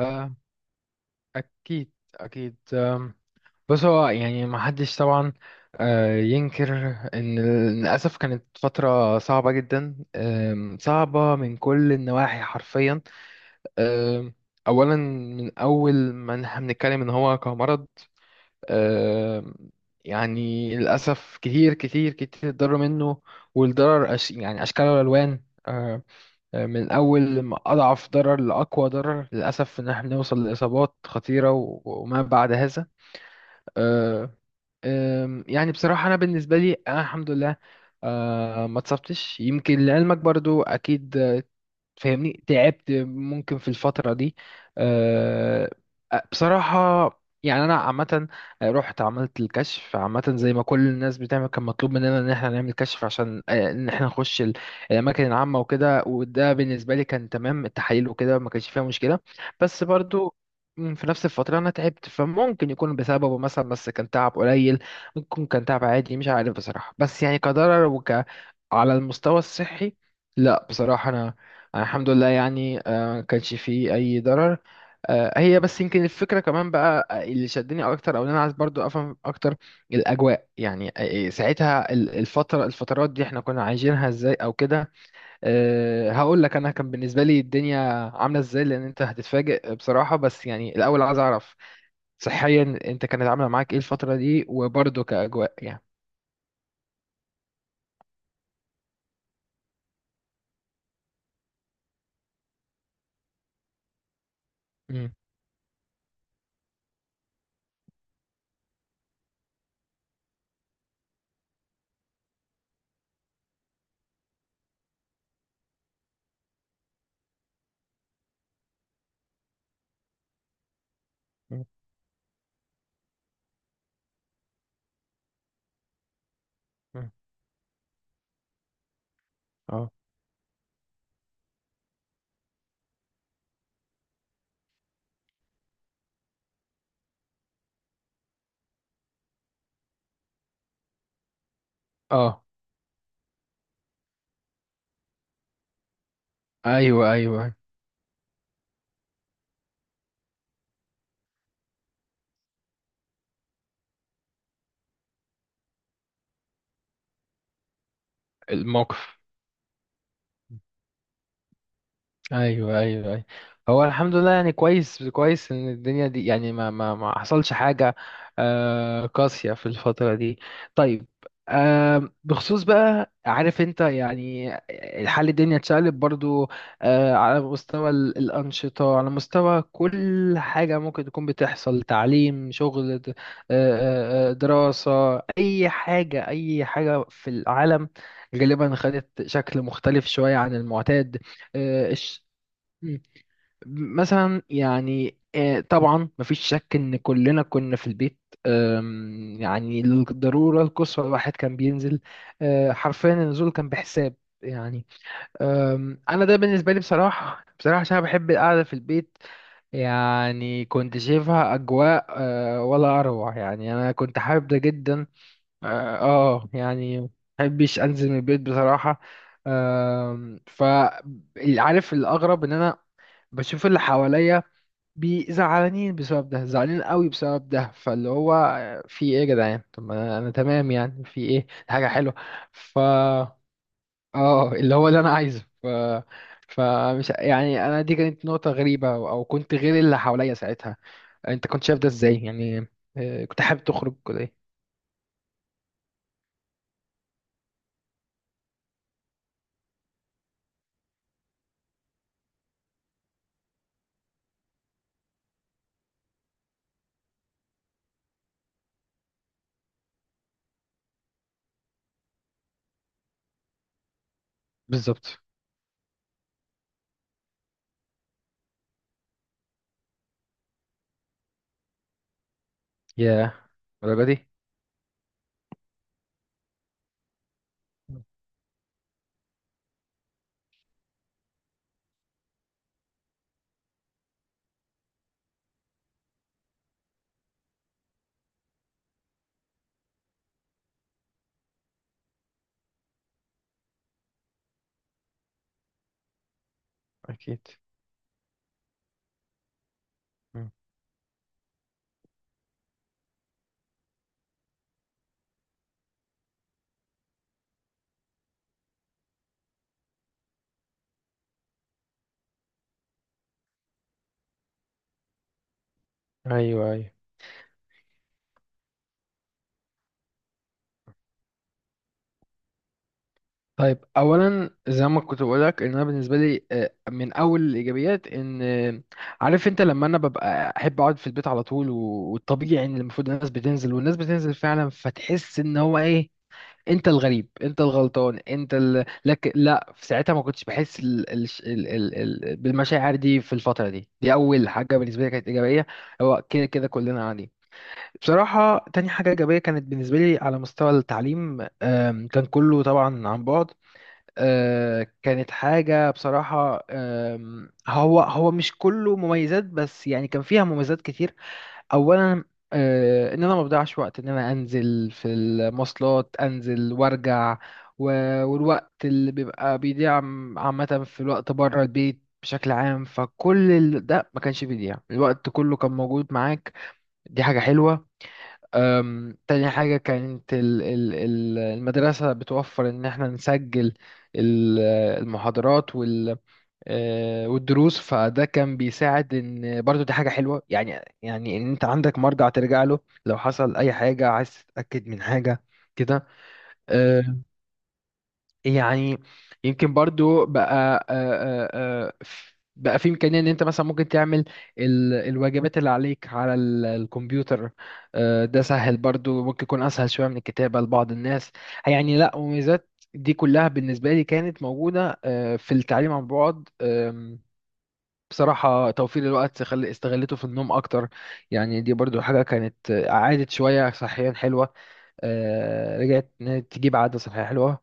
آه، أكيد أكيد. بص، هو يعني ما حدش طبعا ينكر إن للأسف كانت فترة صعبة جدا، صعبة من كل النواحي حرفيا. آم، أولا، من أول ما إن إحنا بنتكلم إن هو كمرض، آم، يعني للأسف كتير كتير كتير اتضرر منه. والضرر أش يعني أشكال وألوان، من أول ما أضعف ضرر لأقوى ضرر. للأسف إن إحنا بنوصل لإصابات خطيرة وما بعد هذا. آه، يعني بصراحة أنا بالنسبة لي، أنا الحمد لله ما اتصبتش. يمكن لعلمك برضو، أكيد فاهمني، تعبت ممكن في الفترة دي أه، بصراحة. يعني أنا عامة رحت عملت الكشف، عامة زي ما كل الناس بتعمل. كان مطلوب مننا إن احنا نعمل كشف عشان إن احنا نخش الأماكن العامة وكده. وده بالنسبة لي كان تمام، التحاليل وكده ما كانش فيها مشكلة. بس برضو في نفس الفترة أنا تعبت، فممكن يكون بسببه مثلا، بس كان تعب قليل. ممكن يكون كان تعب عادي، مش عارف بصراحة. بس يعني كضرر على المستوى الصحي، لا بصراحة أنا الحمد لله يعني ما كانش فيه أي ضرر. هي بس يمكن الفكرة كمان بقى، اللي شدني أكتر، أو اللي أنا عايز برضو أفهم أكتر الأجواء يعني، ساعتها الفترات دي إحنا كنا عايشينها إزاي أو كده. هقول لك، انا كان بالنسبه لي الدنيا عامله ازاي، لان انت هتتفاجئ بصراحه. بس يعني الاول عايز اعرف صحيا انت كانت عامله معاك ايه الفتره دي، وبرضه كاجواء يعني. مم. مم. مم. اه. اه. ايوه، ايوه، الموقف. ايوه، ايوه، ايوه، هو الحمد لله يعني. كويس كويس ان الدنيا دي يعني ما حصلش حاجه قاسيه في الفتره دي. طيب، بخصوص بقى، عارف انت يعني الحال، الدنيا اتشقلب برضو على مستوى الانشطه، على مستوى كل حاجه ممكن تكون بتحصل: تعليم، شغل، دراسه، اي حاجه اي حاجه في العالم غالبا خدت شكل مختلف شويه عن المعتاد. مم. مثلا يعني، طبعا مفيش شك ان كلنا كنا في البيت. يعني للضرورة القصوى الواحد كان بينزل، حرفيا النزول كان بحساب يعني. انا ده بالنسبة لي بصراحة، بصراحة عشان أنا بحب القعدة في البيت. يعني كنت شايفها اجواء ولا اروع، يعني انا كنت حابب ده جدا. اه، يعني محبش انزل من البيت بصراحة. آم، ف عارف الاغرب ان انا بشوف اللي حواليا زعلانين بسبب ده، زعلانين قوي بسبب ده، فاللي هو في ايه يا جدعان؟ طب ما انا تمام يعني، في ايه؟ حاجه حلوه، ف اه اللي هو اللي انا عايزه. فمش يعني، انا دي كانت نقطه غريبه، او كنت غير اللي حواليا ساعتها. انت كنت شايف ده ازاي يعني؟ كنت حابب تخرج ولا ايه؟ بالظبط. يا الدرجه دي؟ اكيد. مم. ايوه، ايوه. طيب، اولا زي ما كنت بقولك، ان انا بالنسبه لي من اول الايجابيات ان عارف انت، لما انا ببقى احب اقعد في البيت على طول، والطبيعي ان المفروض الناس بتنزل، والناس بتنزل فعلا، فتحس ان هو ايه، انت الغريب، انت الغلطان، لا، في ساعتها ما كنتش بحس ال... بالمشاعر دي في الفتره دي. دي اول حاجه بالنسبه لي كانت ايجابيه، هو كده كده كلنا عادي. بصراحه، تاني حاجه ايجابيه كانت بالنسبه لي على مستوى التعليم. كان كله طبعا عن بعد. كانت حاجة بصراحة، هو مش كله مميزات، بس يعني كان فيها مميزات كتير. أولا، إن أنا ما بضيعش وقت إن أنا أنزل في المواصلات، أنزل وأرجع، والوقت اللي بيبقى بيضيع عامة في الوقت بره البيت بشكل عام، فكل ده ما كانش بيضيع، الوقت كله كان موجود معاك. دي حاجة حلوة. تاني حاجة كانت المدرسة بتوفر إن إحنا نسجل ال- المحاضرات والدروس. فده كان بيساعد، إن برضو دي حاجة حلوة يعني إن أنت عندك مرجع ترجع له لو حصل أي حاجة، عايز تتأكد من حاجة كده يعني. يمكن برضو بقى بقى في إمكانية إن أنت مثلا ممكن تعمل الواجبات اللي عليك على الكمبيوتر. ده سهل برضو، ممكن يكون أسهل شوية من الكتابة لبعض الناس. يعني لا، مميزات دي كلها بالنسبة لي كانت موجودة في التعليم عن بعد. بصراحة توفير الوقت، استغلته في النوم أكتر. يعني دي برضو حاجة كانت عادت شوية، صحيا حلوة. رجعت إن هي تجيب عادة صحية حلوة.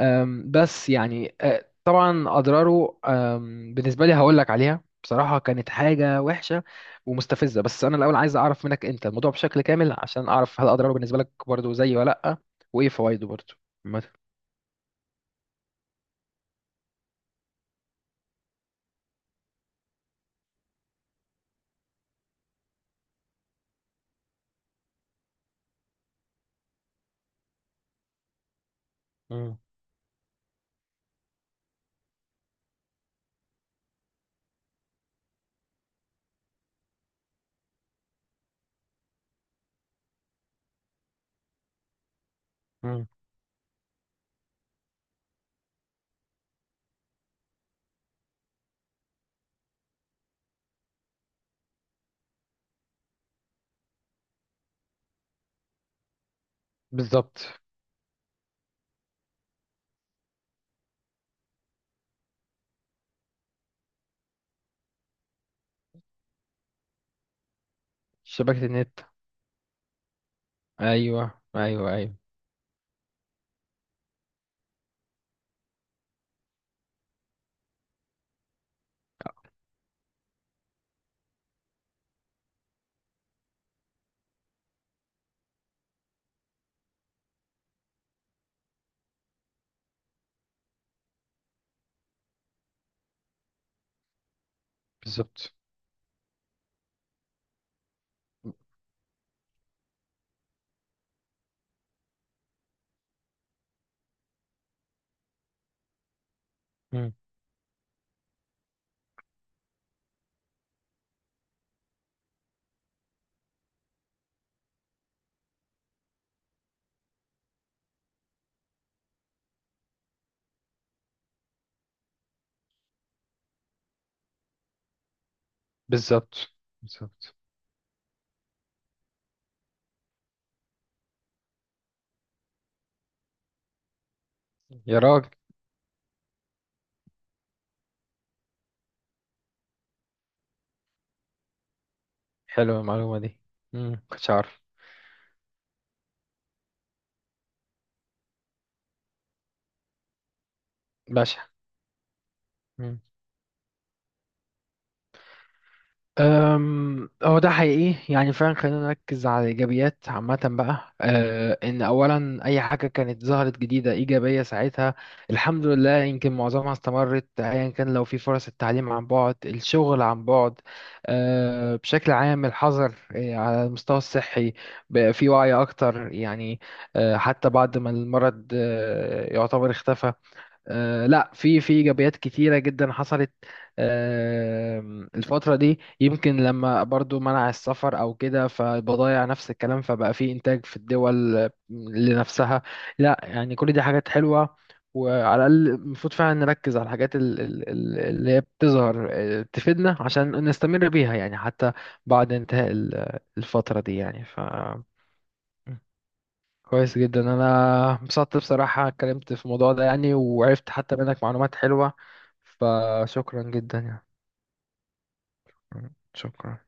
بس يعني طبعا اضراره، بالنسبه لي هقول لك عليها بصراحه، كانت حاجه وحشه ومستفزه. بس انا الاول عايز اعرف منك انت الموضوع بشكل كامل، عشان اعرف هل اضراره بالنسبه لك برضو زي، ولا لا، وايه فوائده برضو مثلا. مم. مم. بالظبط. شبكه النت. ايوه، ايوه، ايوه، بالظبط. مم. بالظبط. بالظبط يا راجل، حلوه المعلومه دي. مم، كنتش عارف. باشا. هو ده حقيقي يعني فعلا. خلينا نركز على الإيجابيات عامة بقى، إن أولا أي حاجة كانت ظهرت جديدة إيجابية ساعتها، الحمد لله يمكن معظمها استمرت، أيا كان، لو في فرص التعليم عن بعد، الشغل عن بعد، بشكل عام الحظر. على المستوى الصحي بقى في وعي أكتر يعني، حتى بعد ما المرض يعتبر اختفى. لا، في ايجابيات كتيره جدا حصلت الفتره دي. يمكن لما برضو منع السفر او كده، فالبضائع نفس الكلام، فبقى في انتاج في الدول لنفسها. لا يعني، كل دي حاجات حلوه. وعلى الاقل المفروض فعلا نركز على الحاجات اللي هي بتظهر تفيدنا، عشان نستمر بيها، يعني حتى بعد انتهاء الفتره دي يعني. كويس جدا، انا انبسطت بصراحة اتكلمت في الموضوع ده يعني، وعرفت حتى منك معلومات حلوة. فشكرا جدا يعني. شكرا.